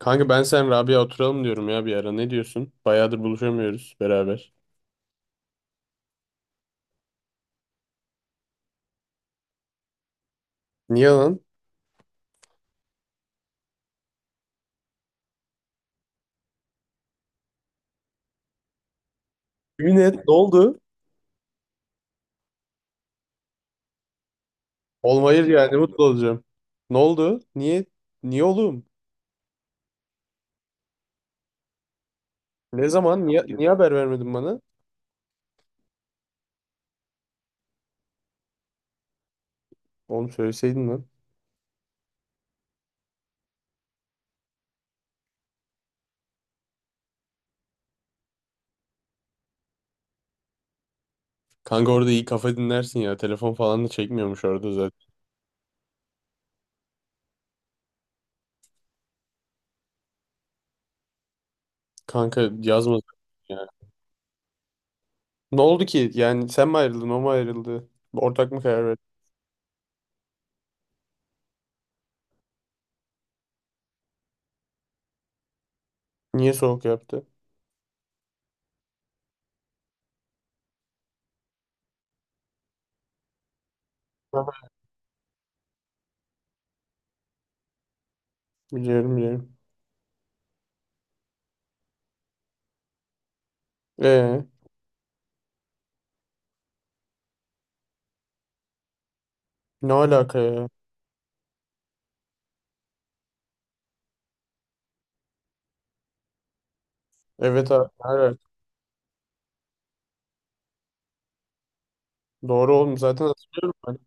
Kanka ben sen Rabia oturalım diyorum ya bir ara. Ne diyorsun? Bayağıdır buluşamıyoruz beraber. Niye lan? Yemin et ne oldu? Olmayır yani mutlu olacağım. Ne oldu? Niye? Niye oğlum? Ne zaman? Niye haber vermedin bana? Oğlum söyleseydin lan. Kanka orada iyi kafa dinlersin ya. Telefon falan da çekmiyormuş orada zaten. Kanka yazma ya. Ne oldu ki? Yani sen mi ayrıldın? O mu ayrıldı? Ortak mı karar verdi? Niye soğuk yaptı? Aha. Biliyorum biliyorum. Ee, ne alaka ya? Evet abi. Ne alaka? Doğru oğlum zaten hatırlıyorum ben.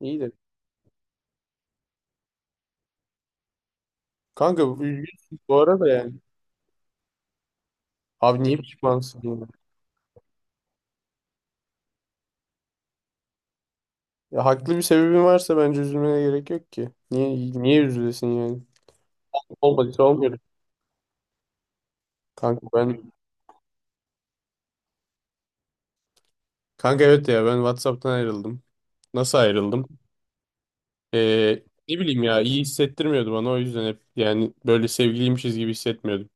İyidir. Kanka bu üzgünsün bu arada yani. Abi niye pişmansın yani? Ya haklı bir sebebin varsa bence üzülmene gerek yok ki. Niye üzülesin yani? Olmadıysa olmuyor. Kanka ben Kanka evet ya ben WhatsApp'tan ayrıldım. Nasıl ayrıldım? Ne bileyim ya iyi hissettirmiyordu bana o yüzden hep yani böyle sevgiliymişiz gibi hissetmiyordum.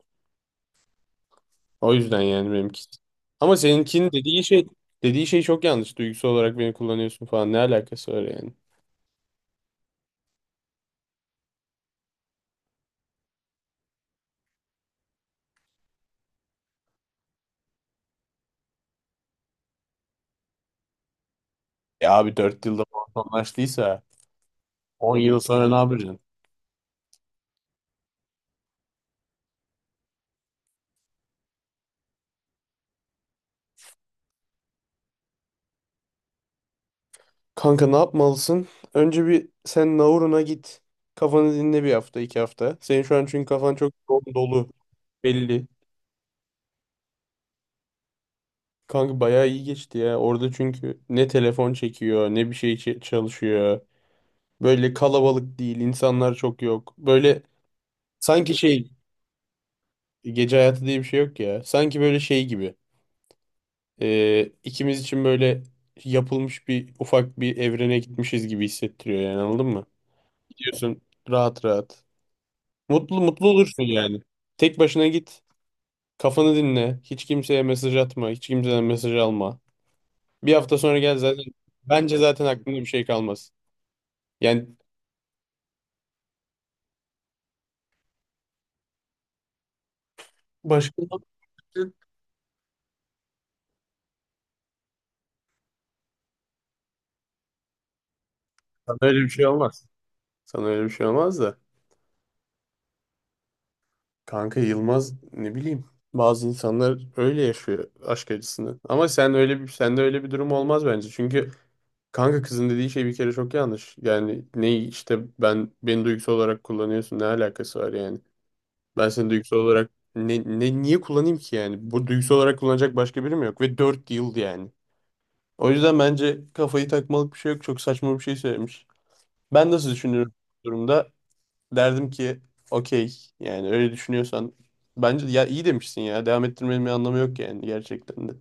O yüzden yani benimki. Ama seninkinin dediği şey çok yanlış. Duygusal olarak beni kullanıyorsun falan ne alakası var yani? Ya abi 4 yılda anlaştıysa 10 yıl sonra ne yapacaksın? Kanka ne yapmalısın? Önce bir sen Nauru'na git. Kafanı dinle bir hafta, iki hafta. Senin şu an çünkü kafan çok yoğun, dolu, belli. Kanka bayağı iyi geçti ya. Orada çünkü ne telefon çekiyor, ne bir şey çalışıyor. Böyle kalabalık değil, insanlar çok yok. Böyle sanki şey, gece hayatı diye bir şey yok ya. Sanki böyle şey gibi. İkimiz için böyle yapılmış bir ufak bir evrene gitmişiz gibi hissettiriyor yani anladın mı? Diyorsun rahat rahat. Mutlu mutlu olursun yani. Tek başına git. Kafanı dinle. Hiç kimseye mesaj atma. Hiç kimseden mesaj alma. Bir hafta sonra gel zaten. Bence zaten aklında bir şey kalmaz. Yani başka sana öyle bir şey olmaz. Sana öyle bir şey olmaz da. Kanka Yılmaz ne bileyim. Bazı insanlar öyle yaşıyor aşk acısını. Ama sen öyle bir sende öyle bir durum olmaz bence. Çünkü kanka kızın dediği şey bir kere çok yanlış. Yani ne işte ben beni duygusal olarak kullanıyorsun ne alakası var yani. Ben seni duygusal olarak ne niye kullanayım ki yani? Bu duygusal olarak kullanacak başka birim yok ve 4 yıl yani. O yüzden bence kafayı takmalık bir şey yok. Çok saçma bir şey söylemiş. Ben nasıl düşünürüm bu durumda? Derdim ki okey yani öyle düşünüyorsan bence ya iyi demişsin ya. Devam ettirmenin bir anlamı yok yani gerçekten de.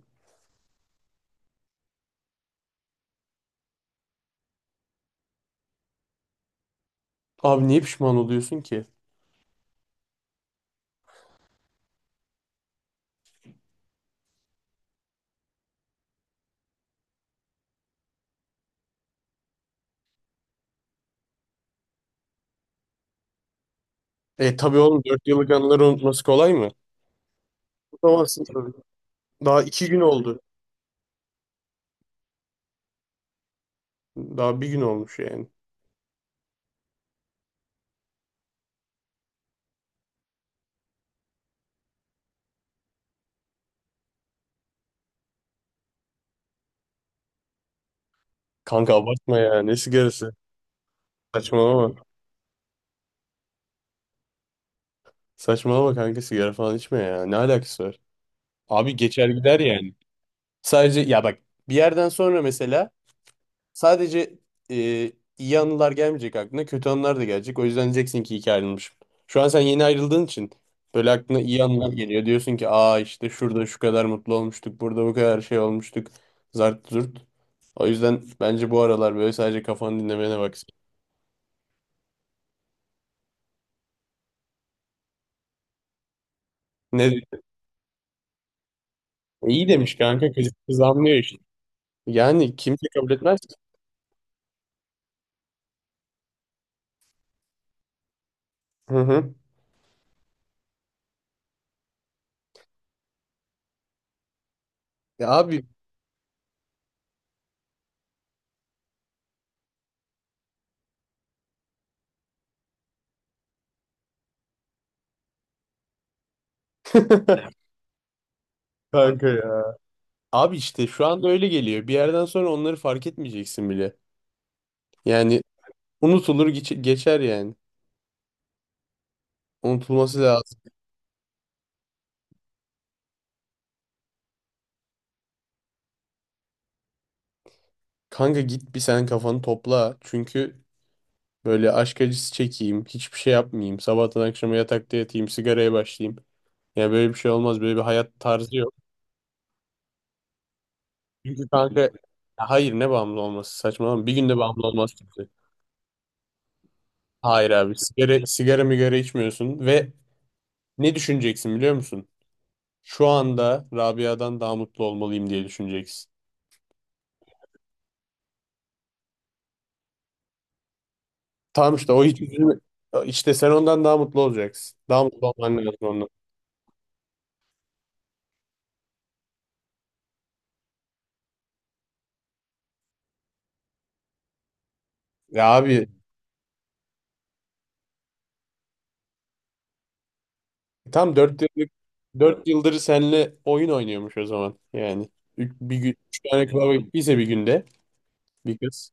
Abi niye pişman oluyorsun ki? E tabii oğlum 4 yıllık anıları unutması kolay mı? Unutamazsın tabii. Daha 2 gün oldu. Daha bir gün olmuş yani. Kanka abartma ya. Ne sigarası? Saçmalama. Saçmalama kanka sigara falan içme ya. Ne alakası var? Abi geçer gider yani. Sadece ya bak bir yerden sonra mesela sadece e, iyi anılar gelmeyecek aklına kötü anılar da gelecek. O yüzden diyeceksin ki iyi ki ayrılmışım. Şu an sen yeni ayrıldığın için böyle aklına iyi anılar geliyor. Diyorsun ki aa işte şurada şu kadar mutlu olmuştuk. Burada bu kadar şey olmuştuk. Zart zurt. O yüzden bence bu aralar böyle sadece kafanı dinlemene bak. Ne? İyi demiş kanka kız, kız anlıyor işte. Yani kimse kabul etmez ki. Hı hı. Ya abi Kanka ya. Abi işte şu anda öyle geliyor. Bir yerden sonra onları fark etmeyeceksin bile. Yani unutulur geçer yani. Unutulması lazım. Kanka git bir sen kafanı topla. Çünkü böyle aşk acısı çekeyim. Hiçbir şey yapmayayım. Sabahtan akşama yatakta yatayım. Sigaraya başlayayım. Yani böyle bir şey olmaz. Böyle bir hayat tarzı yok. Çünkü kanka ya hayır ne bağımlı olması saçmalama. Bir günde bağımlı olmaz kimse. Hayır abi sigara migara içmiyorsun ve ne düşüneceksin biliyor musun? Şu anda Rabia'dan daha mutlu olmalıyım diye düşüneceksin. Tamam işte o hiç üzülme. İşte sen ondan daha mutlu olacaksın. Daha mutlu olman lazım ondan. Ya abi tam dört yıldır seninle oyun oynuyormuş o zaman. Yani bir gün 3 tane klavye gittiyse bir günde bir kız.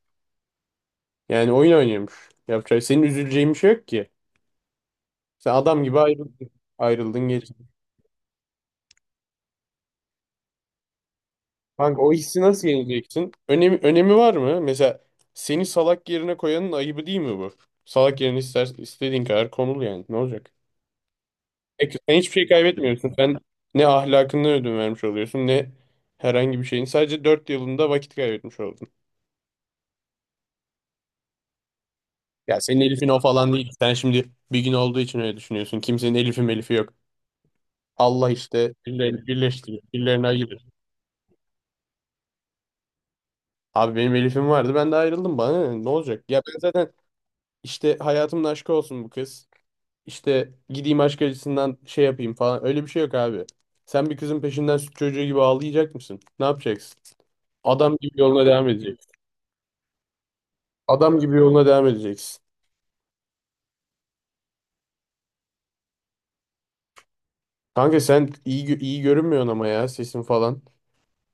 Yani oyun oynuyormuş. Yapacak senin üzüleceğin bir şey yok ki. Sen adam gibi ayrıldın. Kanka o hissi nasıl yeneceksin? Önemi var mı? Mesela seni salak yerine koyanın ayıbı değil mi bu? Salak yerine istediğin kadar konul yani. Ne olacak? Sen hiçbir şey kaybetmiyorsun. Sen ne ahlakını ödün vermiş oluyorsun ne herhangi bir şeyin. Sadece 4 yılında vakit kaybetmiş oldun. Ya senin Elif'in o falan değil. Sen şimdi bir gün olduğu için öyle düşünüyorsun. Kimsenin Elif'i melifi yok. Allah işte birilerini birleştirir, birilerini ayırır. Abi benim Elif'im vardı ben de ayrıldım bana ne olacak? Ya ben zaten işte hayatımın aşkı olsun bu kız. İşte gideyim aşk acısından şey yapayım falan. Öyle bir şey yok abi. Sen bir kızın peşinden süt çocuğu gibi ağlayacak mısın? Ne yapacaksın? Adam gibi yoluna devam edeceksin. Adam gibi yoluna devam edeceksin. Kanka sen iyi iyi görünmüyorsun ama ya sesin falan.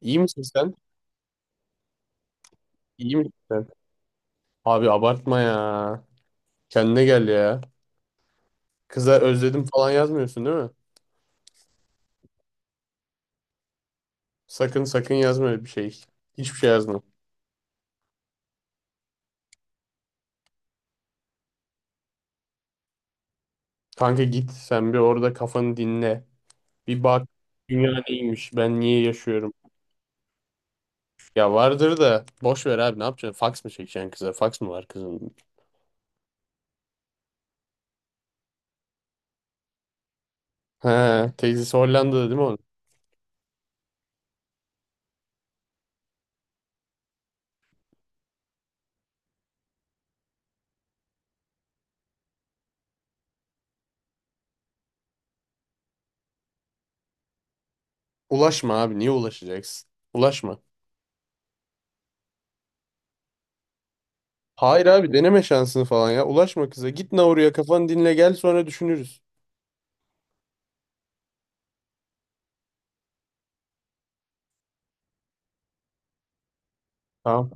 İyi misin sen? İyi misin sen? Abi abartma ya. Kendine gel ya. Kıza özledim falan yazmıyorsun değil mi? Sakın sakın yazma öyle bir şey. Hiçbir şey yazma. Kanka git sen bir orada kafanı dinle. Bir bak dünya neymiş, ben niye yaşıyorum. Ya vardır da boş ver abi ne yapacaksın? Fax mı çekeceksin kıza? Fax mı var kızın? He, teyzesi Hollanda'da değil mi onun? Ulaşma abi niye ulaşacaksın? Ulaşma. Hayır abi deneme şansını falan ya. Ulaşma kıza. Git Nauru'ya kafanı dinle gel sonra düşünürüz. Tamam.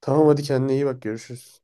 Tamam hadi kendine iyi bak görüşürüz.